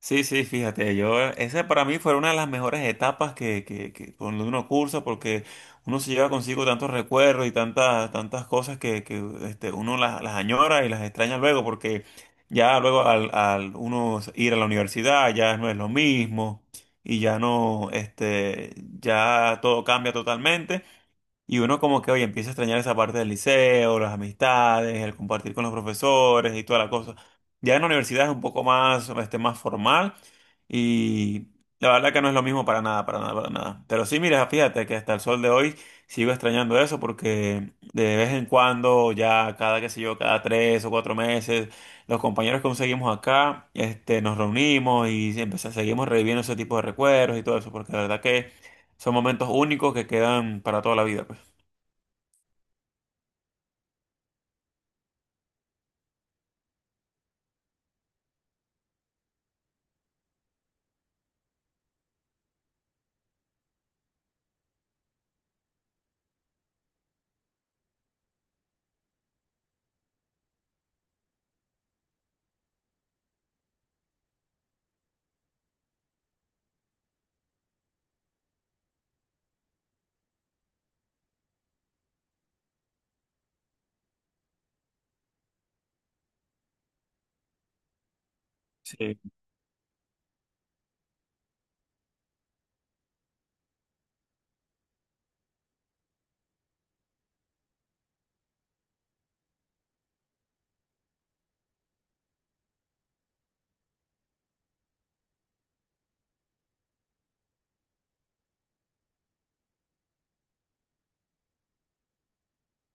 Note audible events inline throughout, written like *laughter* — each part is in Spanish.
Sí, sí, fíjate, esa para mí fue una de las mejores etapas que cuando uno cursa, porque uno se lleva consigo tantos recuerdos y tantas cosas que uno las añora y las extraña luego, porque ya luego al uno ir a la universidad ya no es lo mismo y ya no, ya todo cambia totalmente. Y uno como que, oye, empieza a extrañar esa parte del liceo, las amistades, el compartir con los profesores y toda la cosa. Ya en la universidad es un poco más formal y la verdad que no es lo mismo para nada, para nada, para nada. Pero sí, mira, fíjate que hasta el sol de hoy sigo extrañando eso porque de vez en cuando, qué sé yo, cada 3 o 4 meses, los compañeros que conseguimos acá, nos reunimos y siempre seguimos reviviendo ese tipo de recuerdos y todo eso porque la verdad que son momentos únicos que quedan para toda la vida, pues. Sí.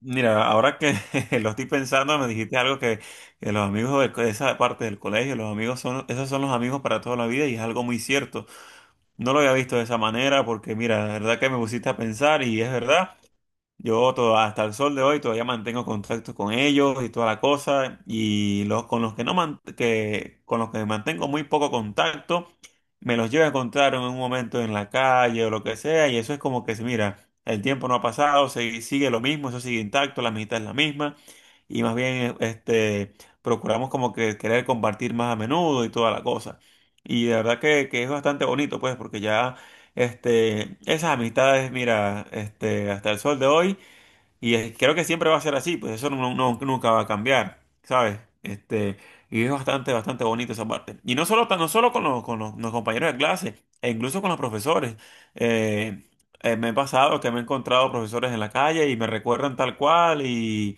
Mira, ahora que *laughs* lo estoy pensando, me dijiste algo que los amigos de esa parte del colegio, los amigos son, esos son los amigos para toda la vida y es algo muy cierto. No lo había visto de esa manera porque, mira, la verdad que me pusiste a pensar y es verdad. Yo todo, hasta el sol de hoy todavía mantengo contacto con ellos y toda la cosa. Y los con los que no man- que, con los que mantengo muy poco contacto, me los llevo a encontrar en un momento en la calle o lo que sea. Y eso es como que, mira, el tiempo no ha pasado, sigue lo mismo, eso sigue intacto, la amistad es la misma. Y más bien, procuramos como que querer compartir más a menudo y toda la cosa. Y de verdad que es bastante bonito, pues, porque ya, esas amistades, mira, hasta el sol de hoy. Y creo que siempre va a ser así, pues eso no, no, nunca va a cambiar, ¿sabes? Y es bastante, bastante bonito esa parte. Y no solo, no solo con los compañeros de clase, e incluso con los profesores. Eh, Me he pasado que me he encontrado profesores en la calle y me recuerdan tal cual y,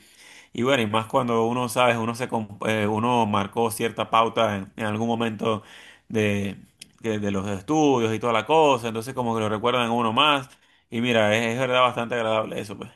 y bueno, y más cuando uno, ¿sabes? Uno marcó cierta pauta en algún momento de, de los estudios y toda la cosa, entonces como que lo recuerdan a uno más. Y mira, es verdad bastante agradable eso, pues.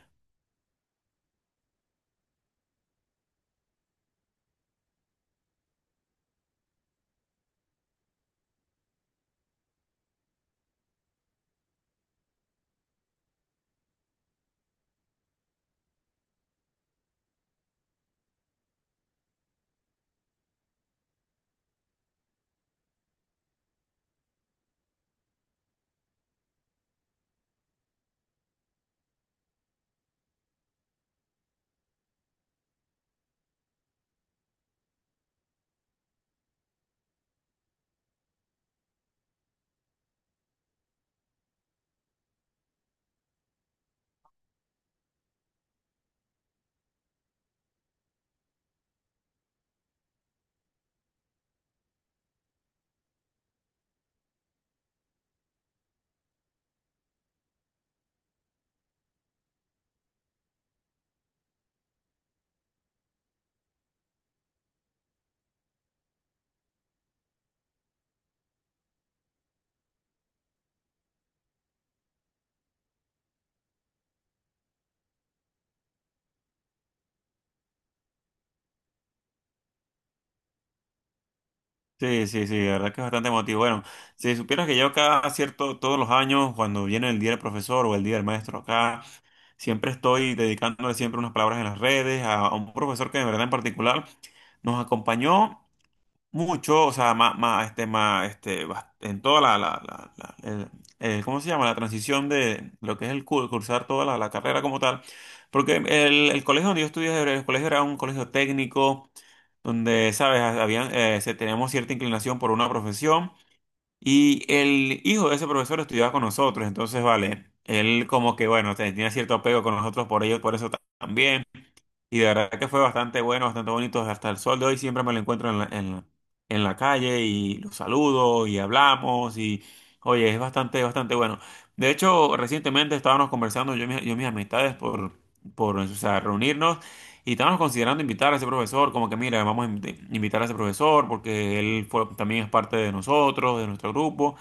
Sí, sí, sí, la verdad que es bastante emotivo. Bueno, si supieras que yo cada cierto, todos los años, cuando viene el Día del Profesor o el Día del Maestro acá, siempre estoy dedicándole siempre unas palabras en las redes a un profesor que de verdad en particular nos acompañó mucho, o sea, más, en toda la, ¿cómo se llama? La transición de lo que es cursar toda la carrera como tal. Porque el colegio donde yo estudié, el colegio era un colegio técnico donde, sabes, teníamos cierta inclinación por una profesión y el hijo de ese profesor estudiaba con nosotros, entonces, vale, él como que, bueno, tenía cierto apego con nosotros por ello, por eso también. Y de verdad que fue bastante bueno, bastante bonito. Hasta el sol de hoy siempre me lo encuentro en la calle y lo saludo y hablamos y oye, es bastante, bastante bueno. De hecho, recientemente estábamos conversando yo y mis amistades por, o sea, reunirnos y estábamos considerando invitar a ese profesor, como que mira, vamos a invitar a ese profesor porque él fue, también es parte de nosotros, de nuestro grupo.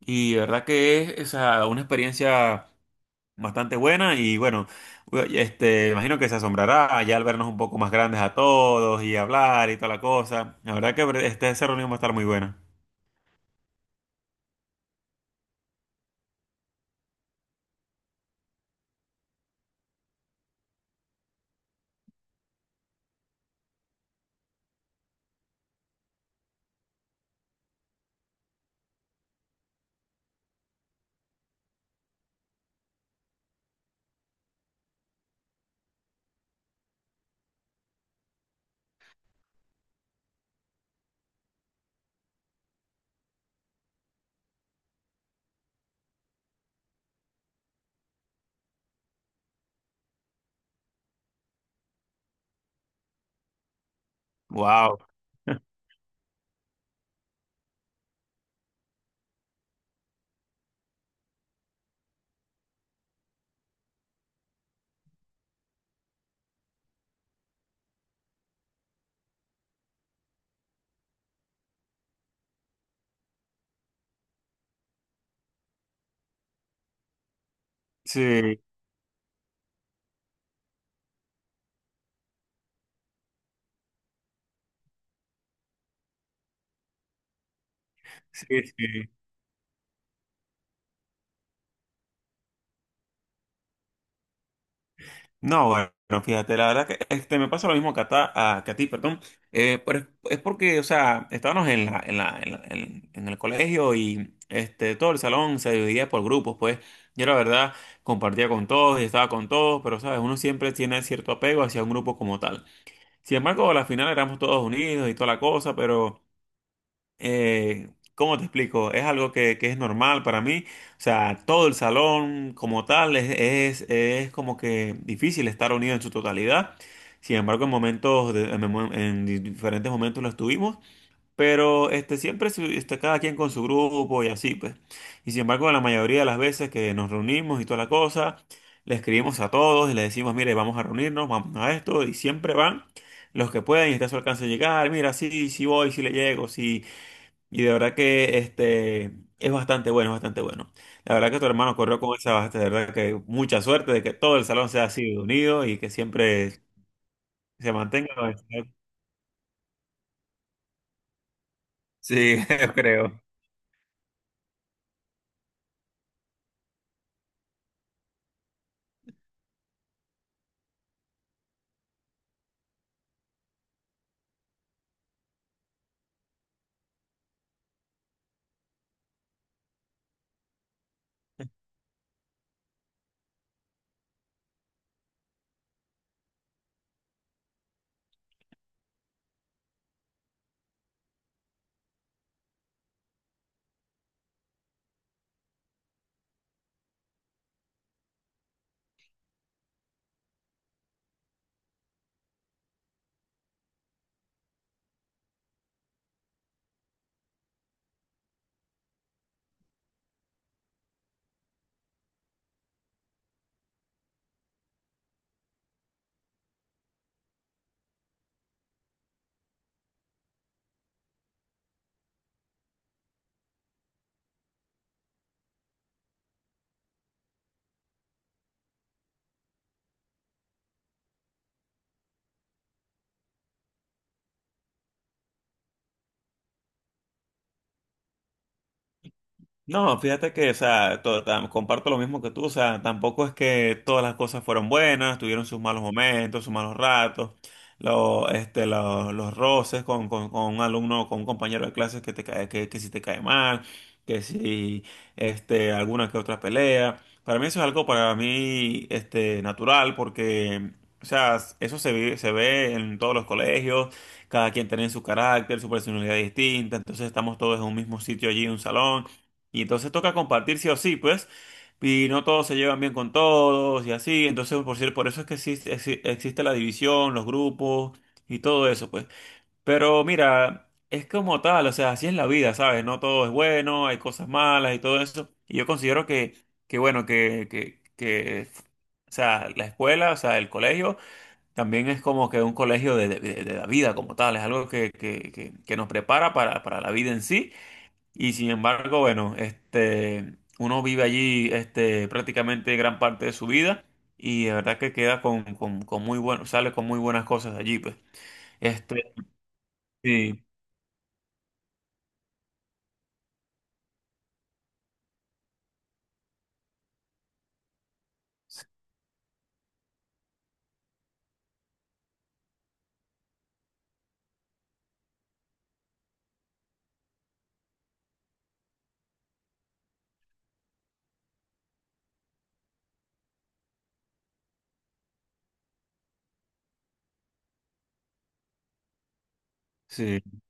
Y de verdad que o sea, una experiencia bastante buena y bueno, imagino que se asombrará ya al vernos un poco más grandes a todos y hablar y toda la cosa. La verdad que esa reunión va a estar muy buena. Wow. Sí, sí, sí. No, bueno, fíjate, la verdad que me pasa lo mismo que que a ti, perdón. Pero es porque, o sea, estábamos en el colegio y todo el salón se dividía por grupos, pues yo la verdad compartía con todos y estaba con todos, pero, ¿sabes? Uno siempre tiene cierto apego hacia un grupo como tal. Sin embargo, a la final éramos todos unidos y toda la cosa, pero eh, ¿cómo te explico? Es algo que es normal para mí. O sea, todo el salón como tal es como que difícil estar unido en su totalidad. Sin embargo, en momentos, de- en, mom- en di- diferentes momentos lo estuvimos. Pero siempre está cada quien con su grupo y así, pues. Y sin embargo, la mayoría de las veces que nos reunimos y toda la cosa, le escribimos a todos y le decimos, mire, vamos a reunirnos, vamos a esto, y siempre van los que pueden y está a su alcance llegar, mira, sí, sí voy, sí le llego, sí. Y de verdad que es bastante bueno, es bastante bueno. La verdad que tu hermano corrió con esa, de verdad que mucha suerte de que todo el salón sea así de unido y que siempre se mantenga. Sí, *laughs* yo creo. No, fíjate que, o sea, comparto lo mismo que tú, o sea, tampoco es que todas las cosas fueron buenas, tuvieron sus malos momentos, sus malos ratos, los roces con un alumno, con un compañero de clases que te cae, que si te cae mal, que si, este, alguna que otra pelea. Para mí eso es algo para mí, natural, porque, o sea, eso se ve en todos los colegios, cada quien tiene su carácter, su personalidad distinta, entonces estamos todos en un mismo sitio allí, en un salón. Y entonces toca compartir sí o sí, pues. Y no todos se llevan bien con todos y así. Entonces, por cierto, por eso es que existe la división, los grupos y todo eso, pues. Pero mira, es como tal, o sea, así es la vida, ¿sabes? No todo es bueno, hay cosas malas y todo eso. Y yo considero que bueno, que, o sea, la escuela, o sea, el colegio, también es como que un colegio de la vida como tal. Es algo que nos prepara para la vida en sí. Y sin embargo, bueno, uno vive allí prácticamente gran parte de su vida y de verdad que queda con muy bueno, sale con muy buenas cosas de allí, pues. Este, sí, sí.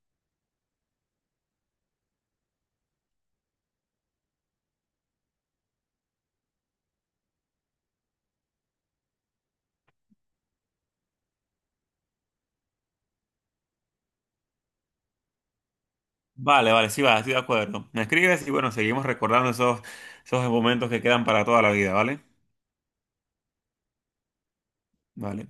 Vale, vale, sí, va, estoy de acuerdo. Me escribes y bueno, seguimos recordando esos momentos que quedan para toda la vida, ¿vale? Vale.